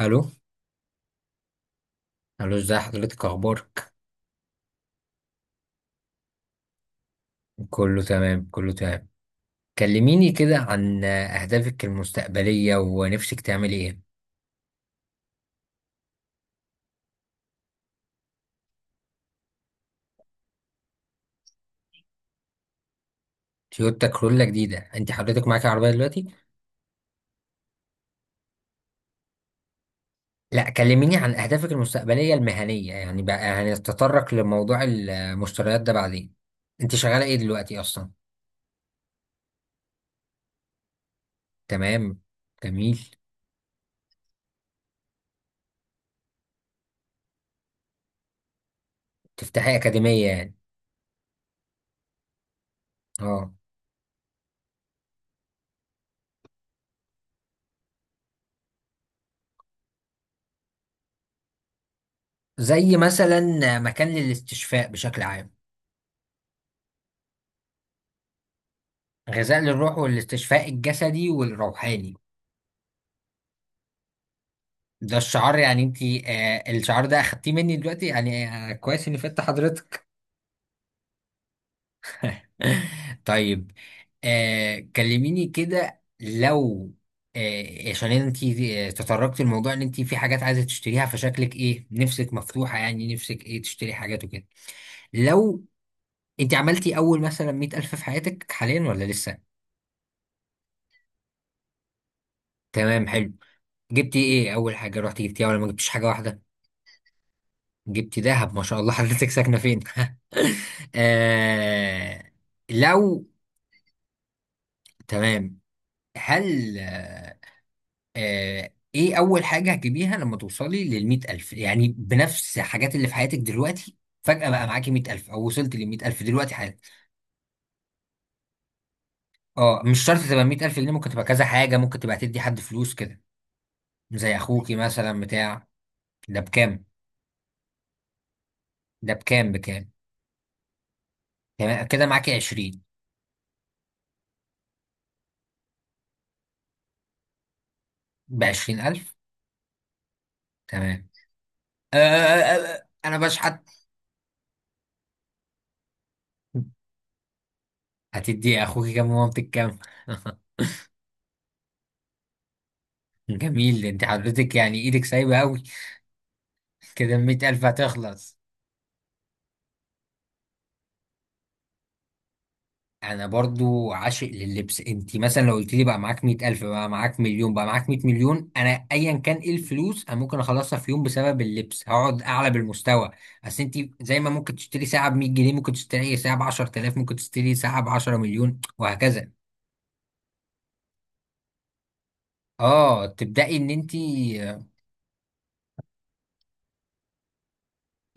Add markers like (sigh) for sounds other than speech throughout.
الو. الو، ازي حضرتك، اخبارك؟ كله تمام كله تمام. كلميني كده عن اهدافك المستقبليه ونفسك تعملي ايه. تويوتا كرولا جديده؟ انت حضرتك معاكي عربيه دلوقتي؟ لا، كلميني عن اهدافك المستقبليه المهنيه يعني، بقى هنتطرق لموضوع المشتريات ده بعدين. انت شغاله ايه دلوقتي اصلا؟ تمام. جميل. تفتحي اكاديميه يعني؟ اه. زي مثلا؟ مكان للاستشفاء بشكل عام. غذاء للروح والاستشفاء الجسدي والروحاني. ده الشعار يعني، انت الشعار ده اخدتيه مني دلوقتي يعني، كويس اني فدت حضرتك. (laughs) طيب. كلميني كده. لو عشان انت تطرقتي الموضوع ان انت في حاجات عايزه تشتريها، فشكلك ايه؟ نفسك مفتوحه يعني؟ نفسك ايه تشتري حاجات وكده؟ لو انت عملتي اول مثلا 100000 في حياتك حاليا ولا لسه؟ تمام. حلو. جبتي ايه اول حاجه رحتي جبتيها ولا ما جبتيش حاجه واحده؟ جبتي دهب، ما شاء الله. (laughs) حضرتك ساكنة فين؟ (laughs) آه لو تمام. هل آه، آه، ايه أول حاجة هتجيبيها لما توصلي للمية ألف؟ يعني بنفس الحاجات اللي في حياتك دلوقتي، فجأة بقى معاكي مية ألف أو وصلت للمية ألف دلوقتي حالا. اه مش شرط تبقى مية ألف، اللي ممكن تبقى كذا حاجة، ممكن تبقى تدي حد فلوس كده. زي أخوكي مثلا بتاع. ده بكام؟ ده بكام؟ تمام، كده معاكي 20. ب20 ألف. تمام. آه آه أنا بشحت. هتدي اخوك كام ومامتك كام؟ (laughs) جميل، انت حضرتك يعني ايدك سايبه قوي، كده 100 ألف هتخلص. انا برضو عاشق لللبس. انت مثلا لو قلت لي بقى معاك 100 ألف، بقى معاك مليون، بقى معاك 100 مليون، انا ايا كان ايه الفلوس انا ممكن اخلصها في يوم بسبب اللبس، هقعد اعلى بالمستوى. اصل انت زي ما ممكن تشتري ساعه ب 100 جنيه، ممكن تشتري ساعه ب 10000، ممكن تشتري ساعه ب 10 مليون، وهكذا. اه تبدأي ان انت.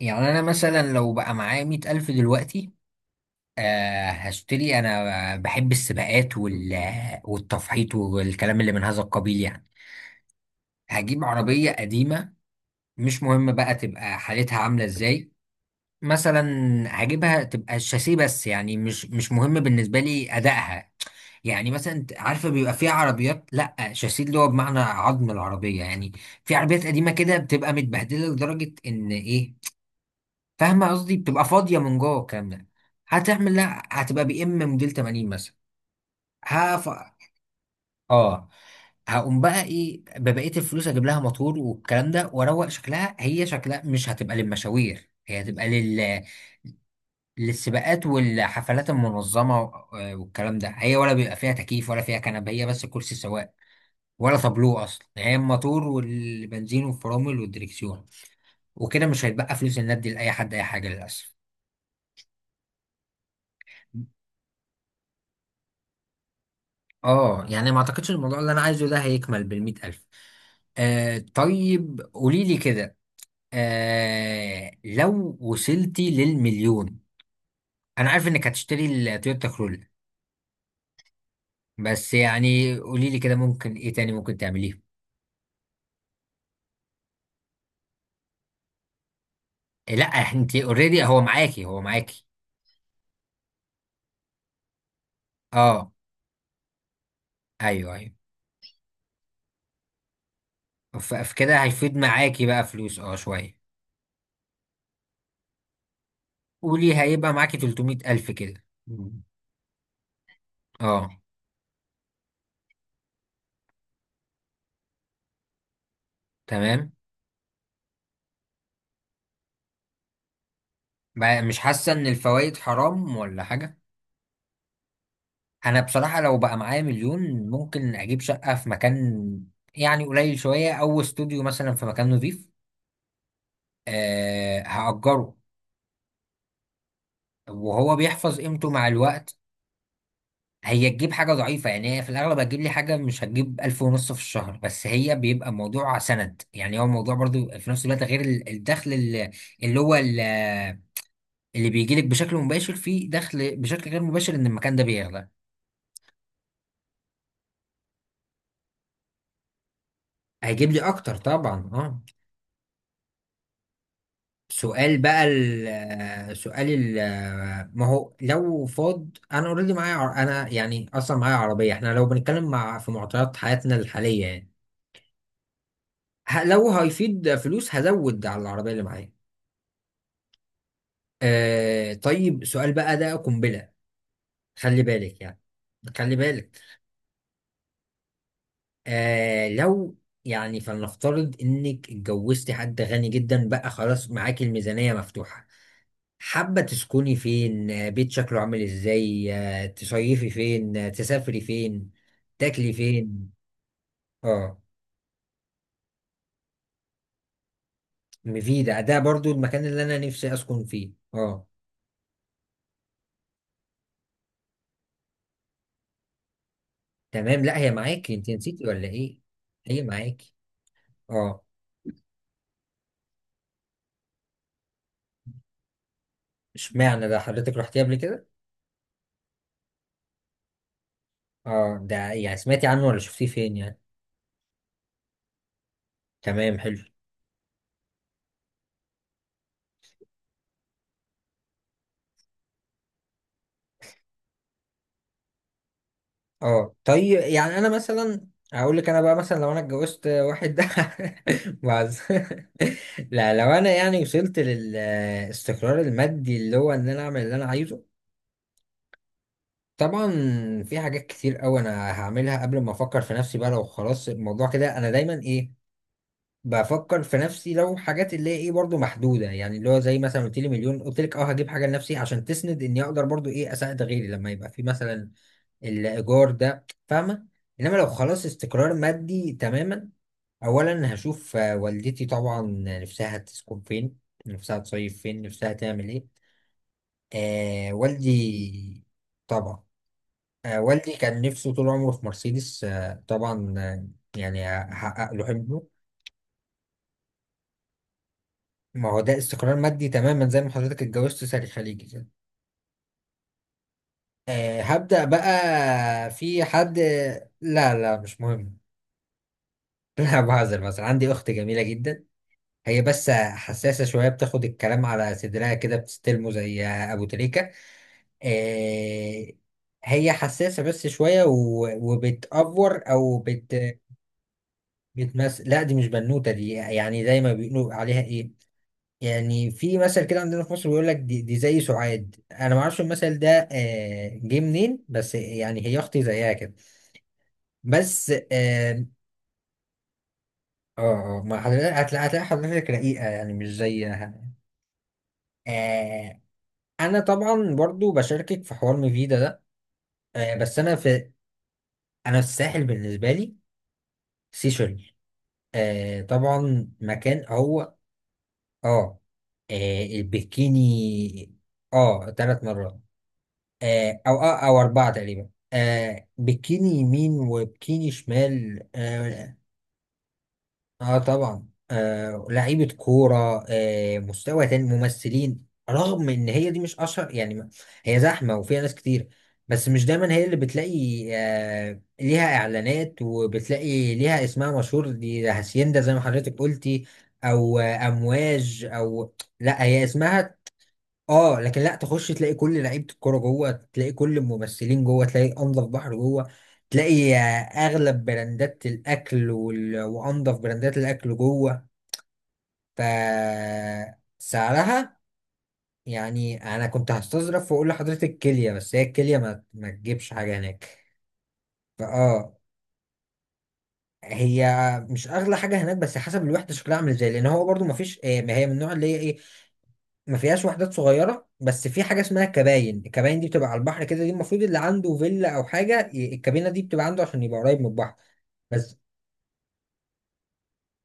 يعني انا مثلا لو بقى معايا 100 ألف دلوقتي، هشتري. انا بحب السباقات والتفحيط والكلام اللي من هذا القبيل يعني. هجيب عربية قديمة، مش مهم بقى تبقى حالتها عاملة ازاي. مثلا هجيبها تبقى الشاسيه بس، يعني مش مهم بالنسبة لي ادائها. يعني مثلا انت عارفة، بيبقى في عربيات لا شاسيه، اللي هو بمعنى عظم العربية يعني. في عربيات قديمة كده بتبقى متبهدلة لدرجة ان ايه، فاهمة قصدي؟ بتبقى فاضية من جوه، الكلام ده. هتعمل لها، هتبقى بي ام موديل 80 مثلا. اه هقوم بقى ايه ببقيه الفلوس، اجيب لها موتور والكلام ده، واروق شكلها. هي شكلها مش هتبقى للمشاوير، هي هتبقى لل... للسباقات والحفلات المنظمه والكلام ده. هي ولا بيبقى فيها تكييف ولا فيها كنبه، هي بس كرسي سواق، ولا تابلوه اصلا، يعني هي الموتور والبنزين والفرامل والدريكسيون. وكده مش هيتبقى فلوس الندي لاي حد اي حاجه للاسف. اه يعني ما اعتقدش الموضوع اللي انا عايزه ده هيكمل بال100 ألف. طيب، قولي لي كده، لو وصلتي للمليون، انا عارف انك هتشتري التويوتا كرولا، بس يعني قولي لي كده، ممكن ايه تاني ممكن تعمليه؟ لا انت اوريدي هو معاكي، هو معاكي. اه ايوه ايوه. فكده هيفيد معاكي بقى فلوس اه شويه. قولي، هيبقى معاكي 300 الف كده. اه، تمام. بقى مش حاسه ان الفوائد حرام ولا حاجه؟ انا بصراحة لو بقى معايا مليون، ممكن اجيب شقة في مكان، يعني قليل شوية، او استوديو مثلا في مكان نظيف. أه هأجره، وهو بيحفظ قيمته مع الوقت. هي تجيب حاجة ضعيفة يعني، هي في الأغلب هتجيب لي حاجة، مش هتجيب ألف ونص في الشهر، بس هي بيبقى موضوع سند يعني، هو موضوع برضو في نفس الوقت، غير الدخل اللي هو اللي بيجيلك بشكل مباشر، فيه دخل بشكل غير مباشر، إن المكان ده بيغلى. هيجيب لي أكتر طبعا، اه. سؤال بقى. ال سؤال ال ما هو لو فاض، انا اوريدي معايا انا يعني اصلا معايا عربيه، احنا لو بنتكلم مع، في معطيات حياتنا الحاليه يعني. لو هيفيد فلوس هزود على العربيه اللي معايا. طيب، سؤال بقى ده قنبله، خلي بالك يعني. خلي بالك. لو يعني، فلنفترض انك اتجوزتي حد غني جدا بقى، خلاص معاكي الميزانيه مفتوحه. حابة تسكني فين؟ بيت شكله عامل ازاي؟ تصيفي فين؟ تسافري فين؟ تاكلي فين؟ اه، مفيدة ده برضو المكان اللي انا نفسي اسكن فيه، اه. تمام، لا هي معاكي، انت نسيتي ولا ايه؟ هي معاكي، اه. اشمعنى ده؟ حضرتك رحتيه قبل كده؟ اه، ده يعني سمعتي عنه ولا شفتيه فين يعني؟ تمام، حلو. اه طيب، يعني انا مثلا، هقول لك انا بقى مثلا، لو انا اتجوزت واحد ده (laughs) بعز. (laughs) لا، لو انا يعني وصلت للاستقرار المادي، اللي هو ان انا اعمل اللي انا عايزه، طبعا في حاجات كتير قوي انا هعملها قبل ما افكر في نفسي بقى. لو خلاص الموضوع كده، انا دايما ايه، بفكر في نفسي، لو حاجات اللي هي ايه برضو محدوده، يعني اللي هو زي مثلا قلت لي مليون، قلت لك اه هجيب حاجه لنفسي عشان تسند اني اقدر برضو ايه اساعد غيري، لما يبقى في مثلا الايجار ده، فاهمه؟ انما لو خلاص استقرار مادي تماما، اولا هشوف والدتي طبعا، نفسها تسكن فين، نفسها تصيف فين، نفسها تعمل ايه. والدي طبعا، والدي كان نفسه طول عمره في مرسيدس، آه طبعا آه يعني هحقق له حلمه. ما هو ده استقرار مادي تماما، زي ما حضرتك اتجوزت ساري خليجي كده. هبدأ بقى. في حد؟ لا لا، مش مهم. (laughs) لا بهزر، مثلا عندي اخت جميلة جدا، هي بس حساسة شوية، بتاخد الكلام على صدرها كده، بتستلمه زي أبو تريكة. آه، هي حساسة بس شوية، وبتأفور أو بتمس. لا دي مش بنوتة، دي يعني زي ما بيقولوا عليها إيه، يعني في مثل كده عندنا في مصر بيقول لك دي زي سعاد، أنا ما أعرفش المثل ده جه منين، بس يعني هي أختي زيها كده بس. ما حضرتك هتلاقي، هتلاقي حضرتك رقيقة يعني، مش زيها. آه، انا طبعا برضو بشاركك في حوار ميفيدا ده. بس انا في، انا الساحل بالنسبه لي سيشل. طبعا مكان، هو اه, البكيني. اه 3 مرات. آه او آه او اربعه تقريبا. بكيني يمين وبكيني شمال. طبعا، لعيبة كورة، مستوى تاني ممثلين، رغم ان هي دي مش اشهر يعني هي زحمة وفيها ناس كتير، بس مش دايما هي اللي بتلاقي ليها اعلانات، وبتلاقي ليها اسمها مشهور. دي هاسيندا زي ما حضرتك قلتي، او امواج او، لا هي اسمها اه. لكن لا، تخش تلاقي كل لعيبه الكوره جوه، تلاقي كل الممثلين جوه، تلاقي انظف بحر جوه، تلاقي اغلب براندات الاكل وانظف براندات الاكل جوه. ف سعرها، يعني انا كنت هستظرف واقول لحضرتك كيليا، بس هي الكيليا ما تجيبش حاجه هناك. فاه هي مش اغلى حاجه هناك، بس حسب الوحده شكلها عامل ازاي، لان هو برضو ما فيش ما هي من النوع اللي هي ايه، ما فيهاش وحدات صغيرة، بس في حاجة اسمها كباين. الكباين دي بتبقى على البحر كده، دي المفروض اللي عنده فيلا أو حاجة الكابينة دي بتبقى عنده عشان يبقى قريب من البحر. بس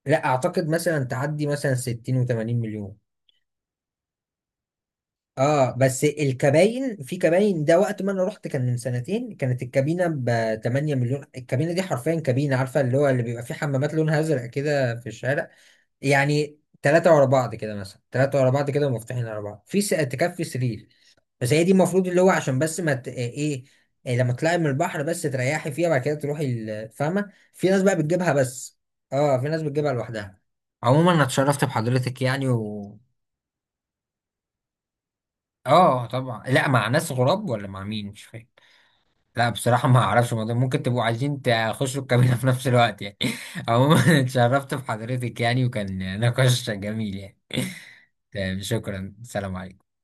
لا أعتقد مثلا تعدي مثلا 60 و80 مليون. اه بس الكباين، في كباين ده وقت ما انا رحت كان من سنتين، كانت الكابينه ب 8 مليون. الكابينه دي حرفيا كابينه، عارفه اللي هو اللي بيبقى فيه حمامات لونها ازرق كده في الشارع. يعني 3 ورا بعض كده، مثلا 3 ورا بعض كده ومفتوحين ورا بعض. في تكفي سرير بس. هي دي المفروض اللي هو عشان بس ما ت... ايه، إيه لما تطلعي من البحر بس تريحي فيها، بعد كده تروحي فاهمه. في ناس بقى بتجيبها بس، اه في ناس بتجيبها لوحدها. عموما انا اتشرفت بحضرتك يعني و، اه طبعا، لا مع ناس غراب ولا مع مين مش فاهم. لا بصراحه ما اعرفش، الموضوع ممكن تبقوا عايزين تخشوا الكابينه (laughs) في نفس الوقت يعني. (laughs) عموما اتشرفت بحضرتك يعني، وكان نقاش جميل يعني. (laughs) تمام، شكرا، سلام عليكم.